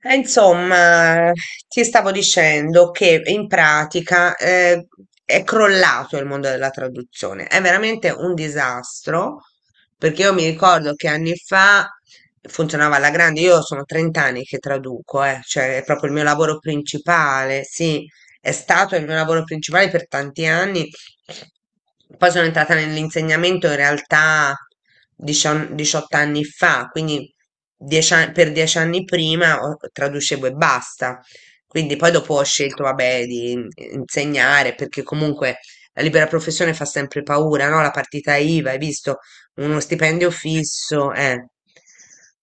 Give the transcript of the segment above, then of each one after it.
Insomma, ti stavo dicendo che in pratica è crollato il mondo della traduzione, è veramente un disastro, perché io mi ricordo che anni fa funzionava alla grande, io sono 30 anni che traduco, cioè è proprio il mio lavoro principale, sì, è stato il mio lavoro principale per tanti anni poi sono entrata nell'insegnamento in realtà 18 anni fa, quindi per 10 anni prima traducevo e basta. Quindi poi dopo ho scelto, vabbè, di insegnare perché comunque la libera professione fa sempre paura, no? La partita IVA, hai visto? Uno stipendio fisso,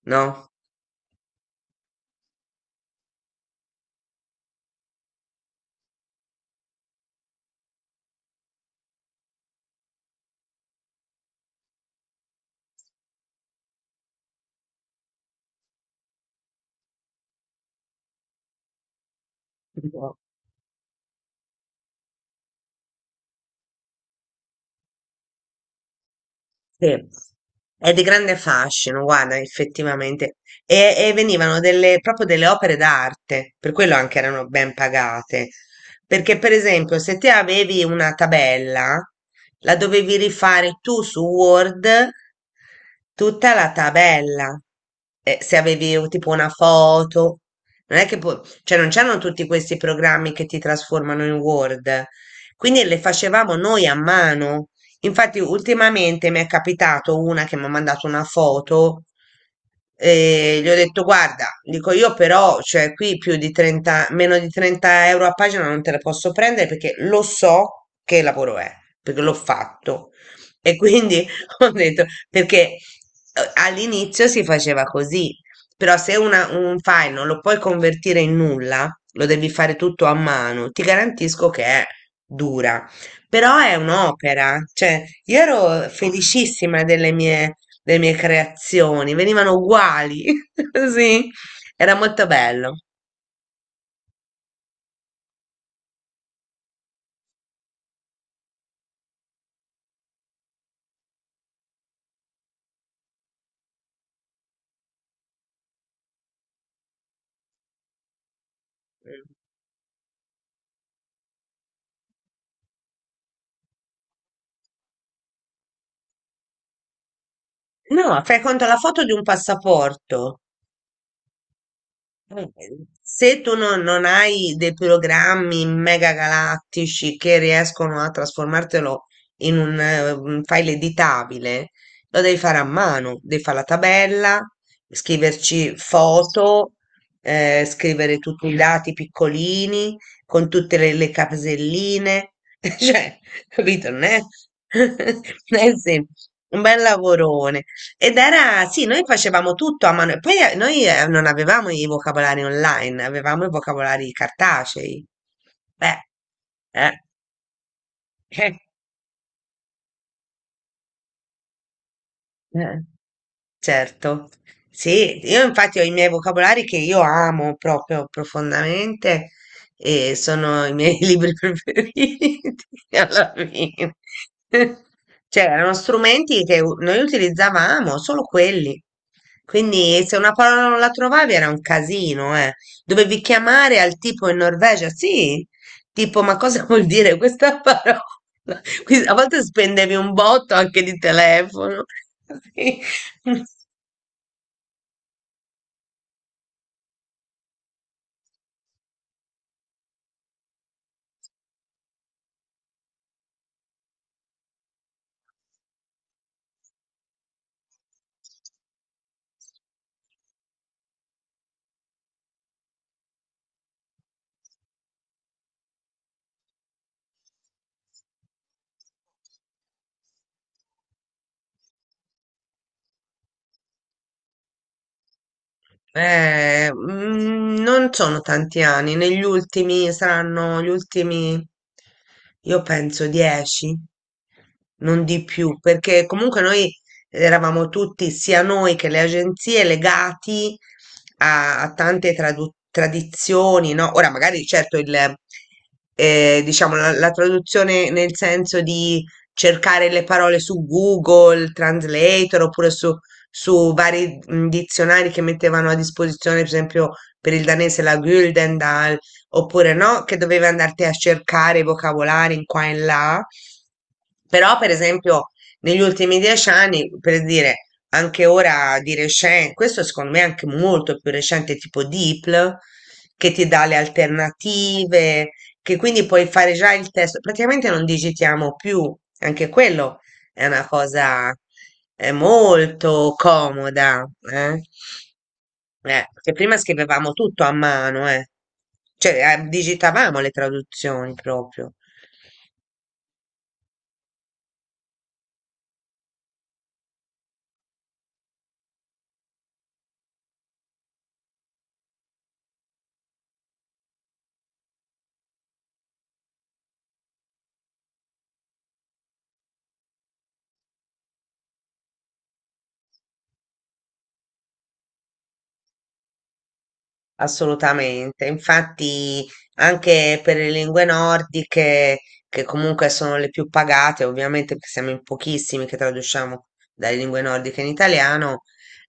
no? Sì, è di grande fascino, guarda, effettivamente. E venivano delle, proprio delle opere d'arte, per quello anche erano ben pagate. Perché, per esempio, se te avevi una tabella, la dovevi rifare tu su Word, tutta la tabella. Se avevi tipo una foto, non è che poi, cioè non c'erano tutti questi programmi che ti trasformano in Word. Quindi le facevamo noi a mano. Infatti, ultimamente mi è capitato una che mi ha mandato una foto e gli ho detto: Guarda, dico io, però, cioè, qui più di 30, meno di 30 euro a pagina non te la posso prendere perché lo so che lavoro è, perché l'ho fatto. E quindi ho detto: Perché all'inizio si faceva così, però se un file non lo puoi convertire in nulla, lo devi fare tutto a mano, ti garantisco che è dura. Però è un'opera, cioè io ero felicissima delle mie creazioni, venivano uguali, sì, era molto bello. No, fai conto la foto di un passaporto. Eh, Se tu non hai dei programmi mega galattici che riescono a trasformartelo in un file editabile, lo devi fare a mano, devi fare la tabella, scriverci foto, scrivere tutti i dati piccolini con tutte le caselline, cioè, capito? Non è, non è semplice. Un bel lavorone. Ed era, sì, noi facevamo tutto a mano. E poi noi non avevamo i vocabolari online, avevamo i vocabolari cartacei. Beh. eh, eh, eh. Certo, sì, io infatti ho i miei vocabolari che io amo proprio profondamente e sono i miei libri preferiti alla fine. Cioè, erano strumenti che noi utilizzavamo, solo quelli. Quindi se una parola non la trovavi era un casino, eh. Dovevi chiamare al tipo in Norvegia, sì, tipo, ma cosa vuol dire questa parola? Quindi, a volte spendevi un botto anche di telefono. Sì. Non sono tanti anni, negli ultimi saranno gli ultimi, io penso 10, non di più, perché comunque noi eravamo tutti, sia noi che le agenzie, legati a tante tradizioni, no? Ora magari certo diciamo la traduzione nel senso di cercare le parole su Google Translator oppure su vari dizionari che mettevano a disposizione, per esempio per il danese la Gyldendal, oppure no, che dovevi andarti a cercare i vocabolari in qua e in là. Però, per esempio, negli ultimi 10 anni, per dire, anche ora di recente, questo secondo me è anche molto più recente, tipo DeepL, che ti dà le alternative, che quindi puoi fare già il testo. Praticamente non digitiamo più, anche quello è una cosa molto comoda, eh? Che prima scrivevamo tutto a mano, eh. Cioè, digitavamo le traduzioni proprio. Assolutamente, infatti anche per le lingue nordiche, che comunque sono le più pagate, ovviamente perché siamo in pochissimi che traduciamo dalle lingue nordiche in italiano,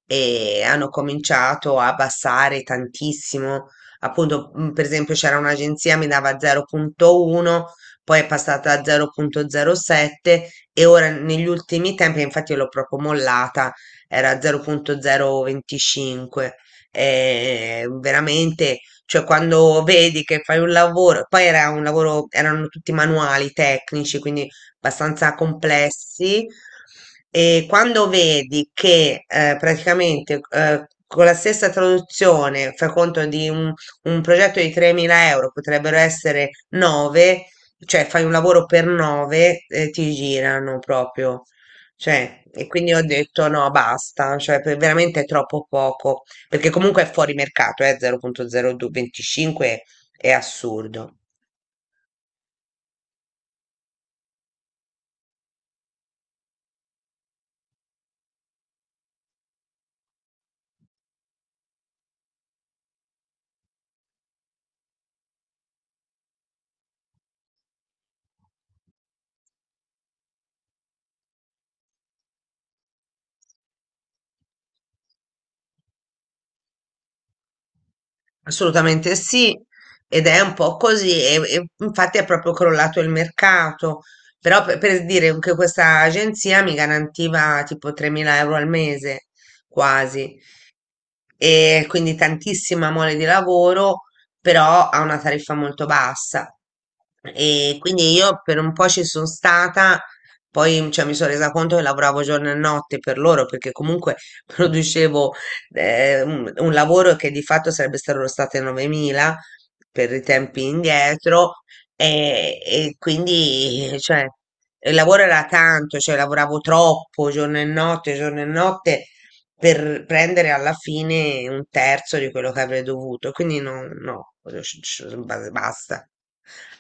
e hanno cominciato a abbassare tantissimo. Appunto, per esempio, c'era un'agenzia mi dava 0,1, poi è passata a 0,07 e ora negli ultimi tempi, infatti io l'ho proprio mollata, era 0,025 veramente, cioè quando vedi che fai un lavoro, poi era un lavoro, erano tutti manuali tecnici, quindi abbastanza complessi, e quando vedi che praticamente con la stessa traduzione, fai conto di un progetto di 3.000 euro, potrebbero essere 9, cioè fai un lavoro per 9, ti girano proprio. Cioè, e quindi ho detto no, basta, cioè veramente è troppo poco. Perché comunque è fuori mercato, 0,025 è assurdo. Assolutamente sì, ed è un po' così, e infatti è proprio crollato il mercato, però per dire che questa agenzia mi garantiva tipo 3.000 euro al mese, quasi. E quindi tantissima mole di lavoro, però a una tariffa molto bassa. E quindi io per un po' ci sono stata, poi cioè, mi sono resa conto che lavoravo giorno e notte per loro, perché comunque producevo un lavoro che di fatto sarebbe stato costato 9.000 per i tempi indietro, e quindi cioè, il lavoro era tanto, cioè lavoravo troppo giorno e notte per prendere alla fine un terzo di quello che avrei dovuto. Quindi no, no, basta.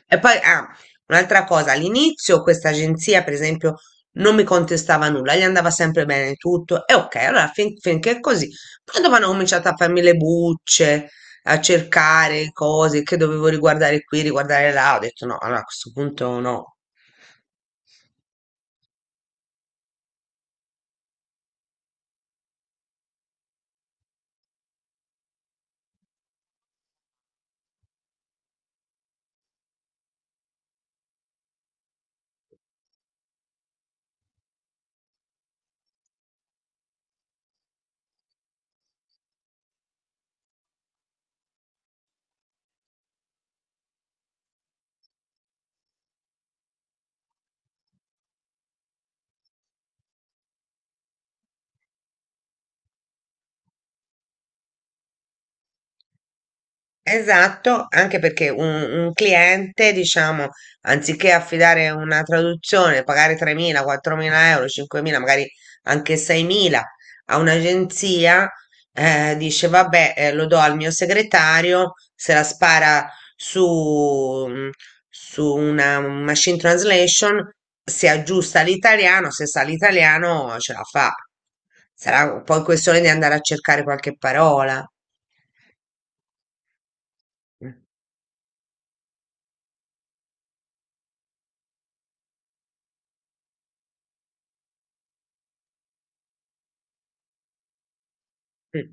E poi, ah, un'altra cosa, all'inizio questa agenzia, per esempio, non mi contestava nulla, gli andava sempre bene tutto, e ok, allora finché è così. Poi dopo hanno cominciato a farmi le bucce, a cercare cose che dovevo riguardare qui, riguardare là, ho detto no, allora a questo punto no. Esatto, anche perché un cliente, diciamo, anziché affidare una traduzione, pagare 3.000, 4.000 euro, 5.000, magari anche 6.000 a un'agenzia, dice, vabbè, lo do al mio segretario, se la spara su, mm, su una machine translation, si aggiusta all'italiano, se sa l'italiano ce la fa. Sarà poi questione di andare a cercare qualche parola. Mh. Mh.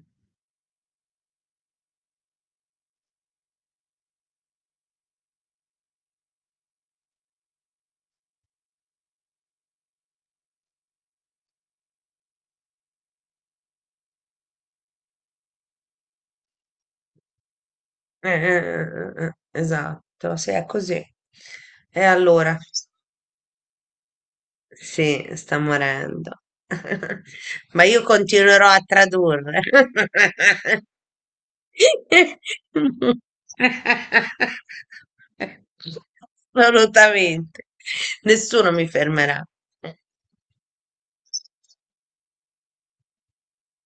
Esatto, sì, è così. E allora? Sì, sta morendo. Ma io continuerò a tradurre. Assolutamente. Nessuno mi fermerà.